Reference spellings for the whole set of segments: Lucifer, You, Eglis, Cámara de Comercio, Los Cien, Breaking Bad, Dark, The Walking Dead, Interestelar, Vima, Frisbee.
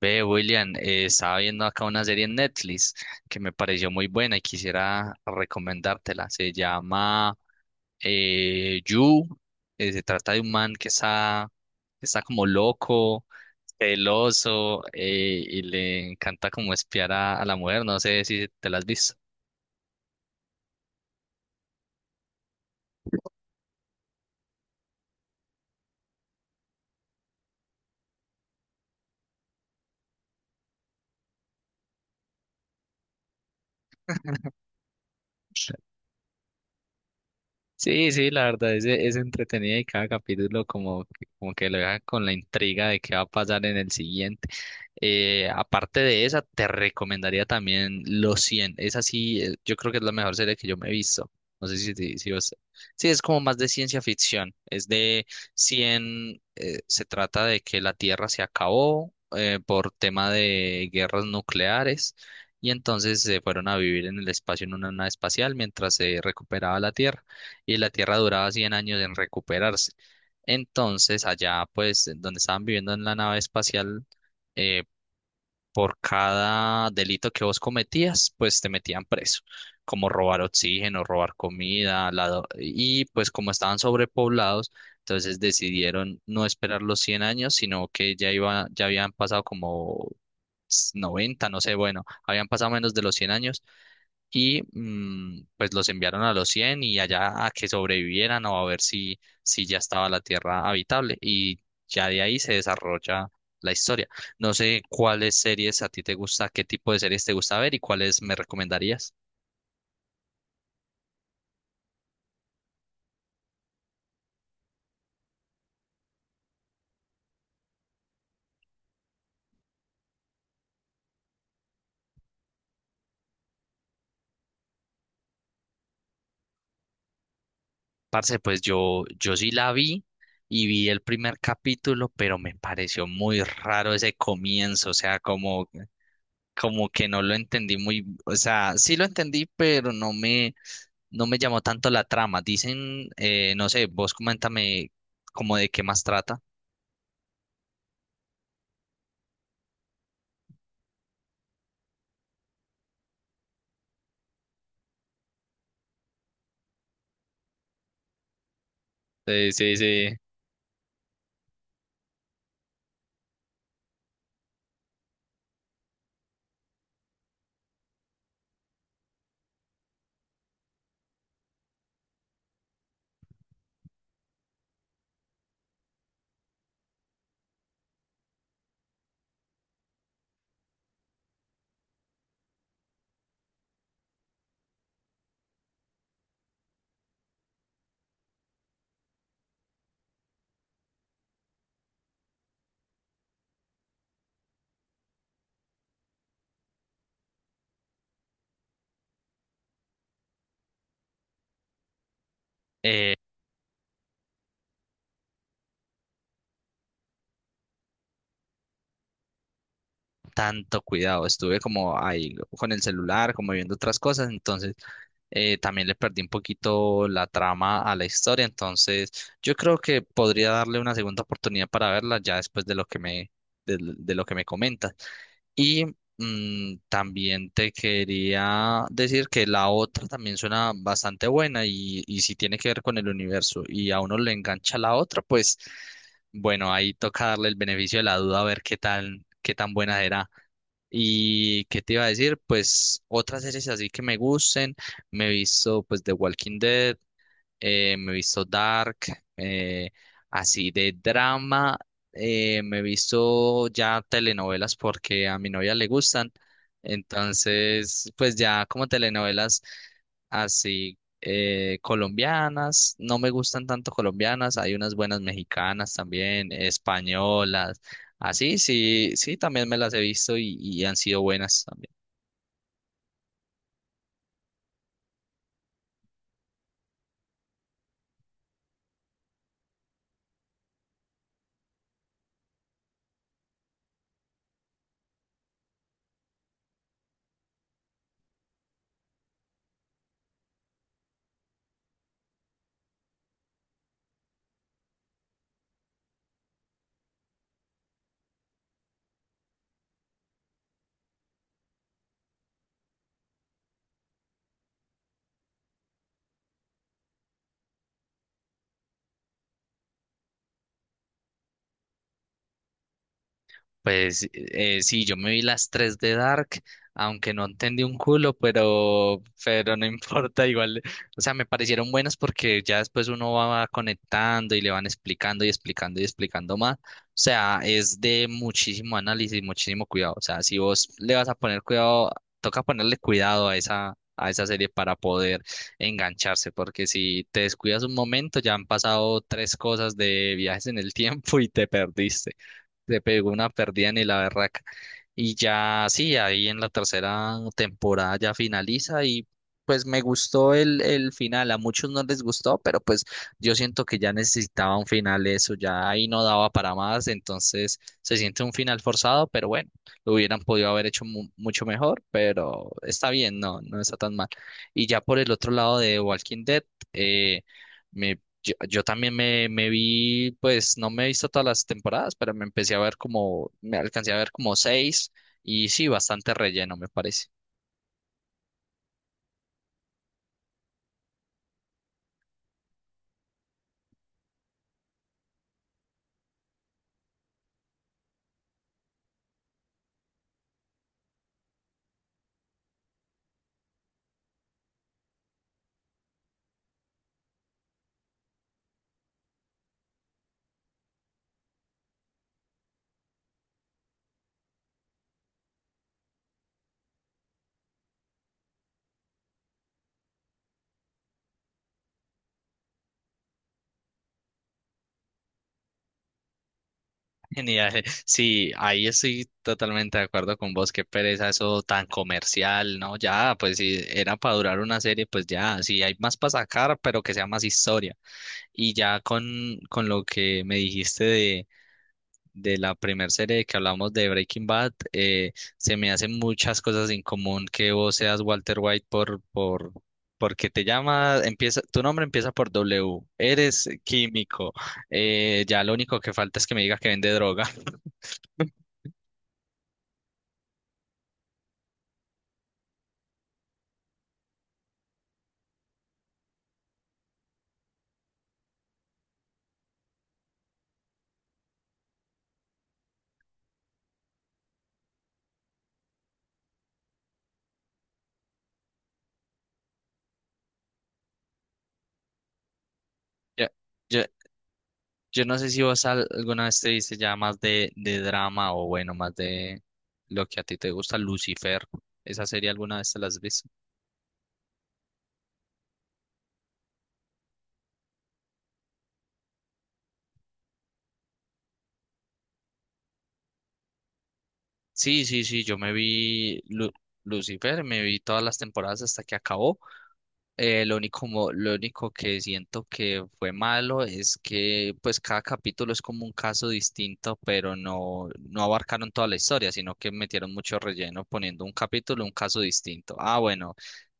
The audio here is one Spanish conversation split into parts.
Ve, William, estaba viendo acá una serie en Netflix que me pareció muy buena y quisiera recomendártela. Se llama You. Se trata de un man que está como loco, celoso y le encanta como espiar a la mujer. No sé si te la has visto. Sí, sí, la verdad es entretenida y cada capítulo como que lo deja con la intriga de qué va a pasar en el siguiente. Aparte de esa, te recomendaría también Los Cien. Esa sí, yo creo que es la mejor serie que yo me he visto. No sé si Sí, es como más de ciencia ficción. Es de 100. Se trata de que la Tierra se acabó por tema de guerras nucleares y entonces se fueron a vivir en el espacio en una nave espacial mientras se recuperaba la Tierra y la tierra duraba 100 años en recuperarse. Entonces, allá, pues, donde estaban viviendo en la nave espacial, eh, por cada delito que vos cometías, pues te metían preso, como robar oxígeno, robar comida, y pues como estaban sobrepoblados, entonces decidieron no esperar los 100 años, sino que ya iba, ya habían pasado como 90, no sé, bueno, habían pasado menos de los 100 años y pues los enviaron a los cien y allá a que sobrevivieran o a ver si ya estaba la Tierra habitable y ya de ahí se desarrolla la historia. No sé cuáles series a ti te gusta, qué tipo de series te gusta ver y cuáles me recomendarías. Parce, pues yo sí la vi y vi el primer capítulo, pero me pareció muy raro ese comienzo, o sea, como que no lo entendí muy, o sea, sí lo entendí, pero no me llamó tanto la trama. Dicen, no sé, vos coméntame como de qué más trata. Sí, sí, sí. Eh, Tanto cuidado, estuve como ahí con el celular, como viendo otras cosas, entonces también le perdí un poquito la trama a la historia, entonces yo creo que podría darle una segunda oportunidad para verla ya después de lo que me, de lo que me comentas. Y también te quería decir que la otra también suena bastante buena y si tiene que ver con el universo y a uno le engancha la otra, pues bueno, ahí toca darle el beneficio de la duda a ver qué tal, qué tan buena será. Y qué te iba a decir, pues otras series así que me gusten, me he visto pues The Walking Dead, me he visto Dark, eh, así de drama, me he visto ya telenovelas porque a mi novia le gustan, entonces pues ya como telenovelas así colombianas, no me gustan tanto colombianas, hay unas buenas mexicanas también, españolas, así sí, sí, también me las he visto y han sido buenas. Pues eh, sí, yo me vi las tres de Dark, aunque no entendí un culo, pero no importa, igual, o sea, me parecieron buenas porque ya después uno va conectando y le van explicando y explicando y explicando más. O sea, es de muchísimo análisis, muchísimo cuidado. O sea, si vos le vas a poner cuidado, toca ponerle cuidado a esa serie para poder engancharse, porque si te descuidas un momento, ya han pasado tres cosas de viajes en el tiempo y te perdiste, le pegó una perdida ni la berraca. Y ya, sí, ahí en la tercera temporada ya finaliza y pues me gustó el final. A muchos no les gustó, pero pues yo siento que ya necesitaba un final eso, ya ahí no daba para más, entonces se siente un final forzado, pero bueno, lo hubieran podido haber hecho mucho mejor, pero está bien, no, no está tan mal. Y ya por el otro lado de Walking Dead, eh, me yo también me vi, pues no me he visto todas las temporadas, pero me empecé a ver como, me alcancé a ver como seis y sí, bastante relleno, me parece. Genial. Sí, ahí estoy totalmente de acuerdo con vos, qué pereza eso tan comercial, ¿no? Ya, pues si era para durar una serie, pues ya, si hay más para sacar, pero que sea más historia. Y ya con lo que me dijiste de la primera serie que hablamos de Breaking Bad, se me hacen muchas cosas en común que vos seas Walter White porque te llama, empieza, tu nombre empieza por W, eres químico, ya lo único que falta es que me digas que vende droga. Ya- Yo, yo no sé si vos alguna vez te viste ya más de drama o bueno, más de lo que a ti te gusta, Lucifer. ¿Esa serie alguna vez te la has visto? Sí, sí, sí, yo me vi Lucifer, me vi todas las temporadas hasta que acabó. Lo único que siento que fue malo es que pues cada capítulo es como un caso distinto, pero no, no abarcaron toda la historia, sino que metieron mucho relleno poniendo un capítulo, un caso distinto. Ah, bueno,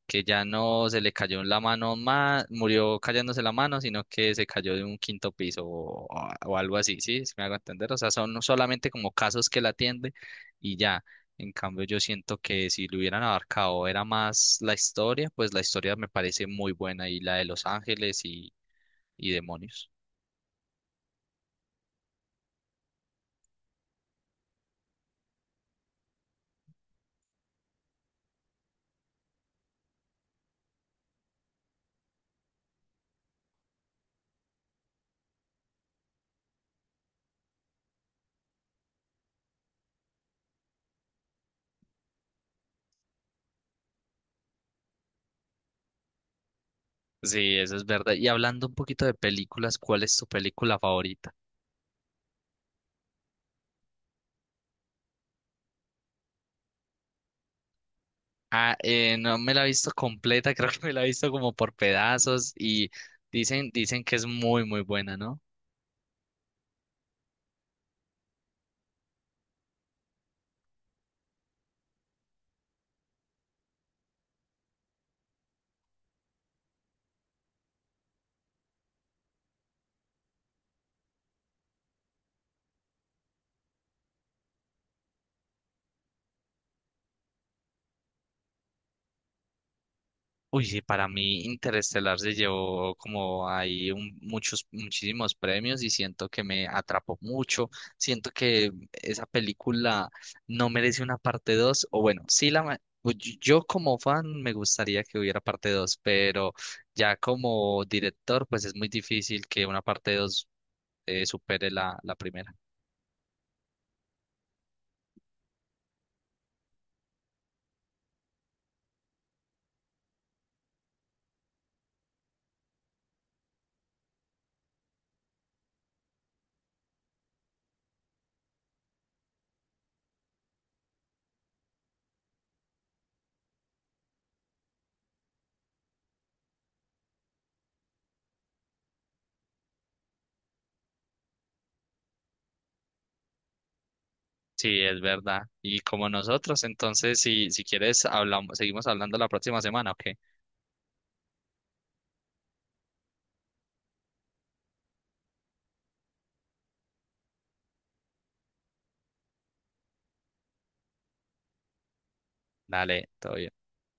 que ya no se le cayó en la mano más, murió cayéndose la mano, sino que se cayó de un quinto piso o algo así, ¿sí? Si me hago entender. O sea, son solamente como casos que la atiende y ya. En cambio, yo siento que si lo hubieran abarcado era más la historia, pues la historia me parece muy buena y la de Los Ángeles y demonios. Sí, eso es verdad. Y hablando un poquito de películas, ¿cuál es tu película favorita? Ah, no me la he visto completa, creo que me la he visto como por pedazos y dicen que es muy, muy buena, ¿no? Uy, sí, para mí Interestelar se llevó como ahí muchos, muchísimos premios y siento que me atrapó mucho. Siento que esa película no merece una parte 2. O bueno, pues yo como fan me gustaría que hubiera parte 2, pero ya como director pues es muy difícil que una parte 2 supere la primera. Sí, es verdad. Y como nosotros, entonces si quieres hablamos, seguimos hablando la próxima semana, ¿ok? Dale, todo bien.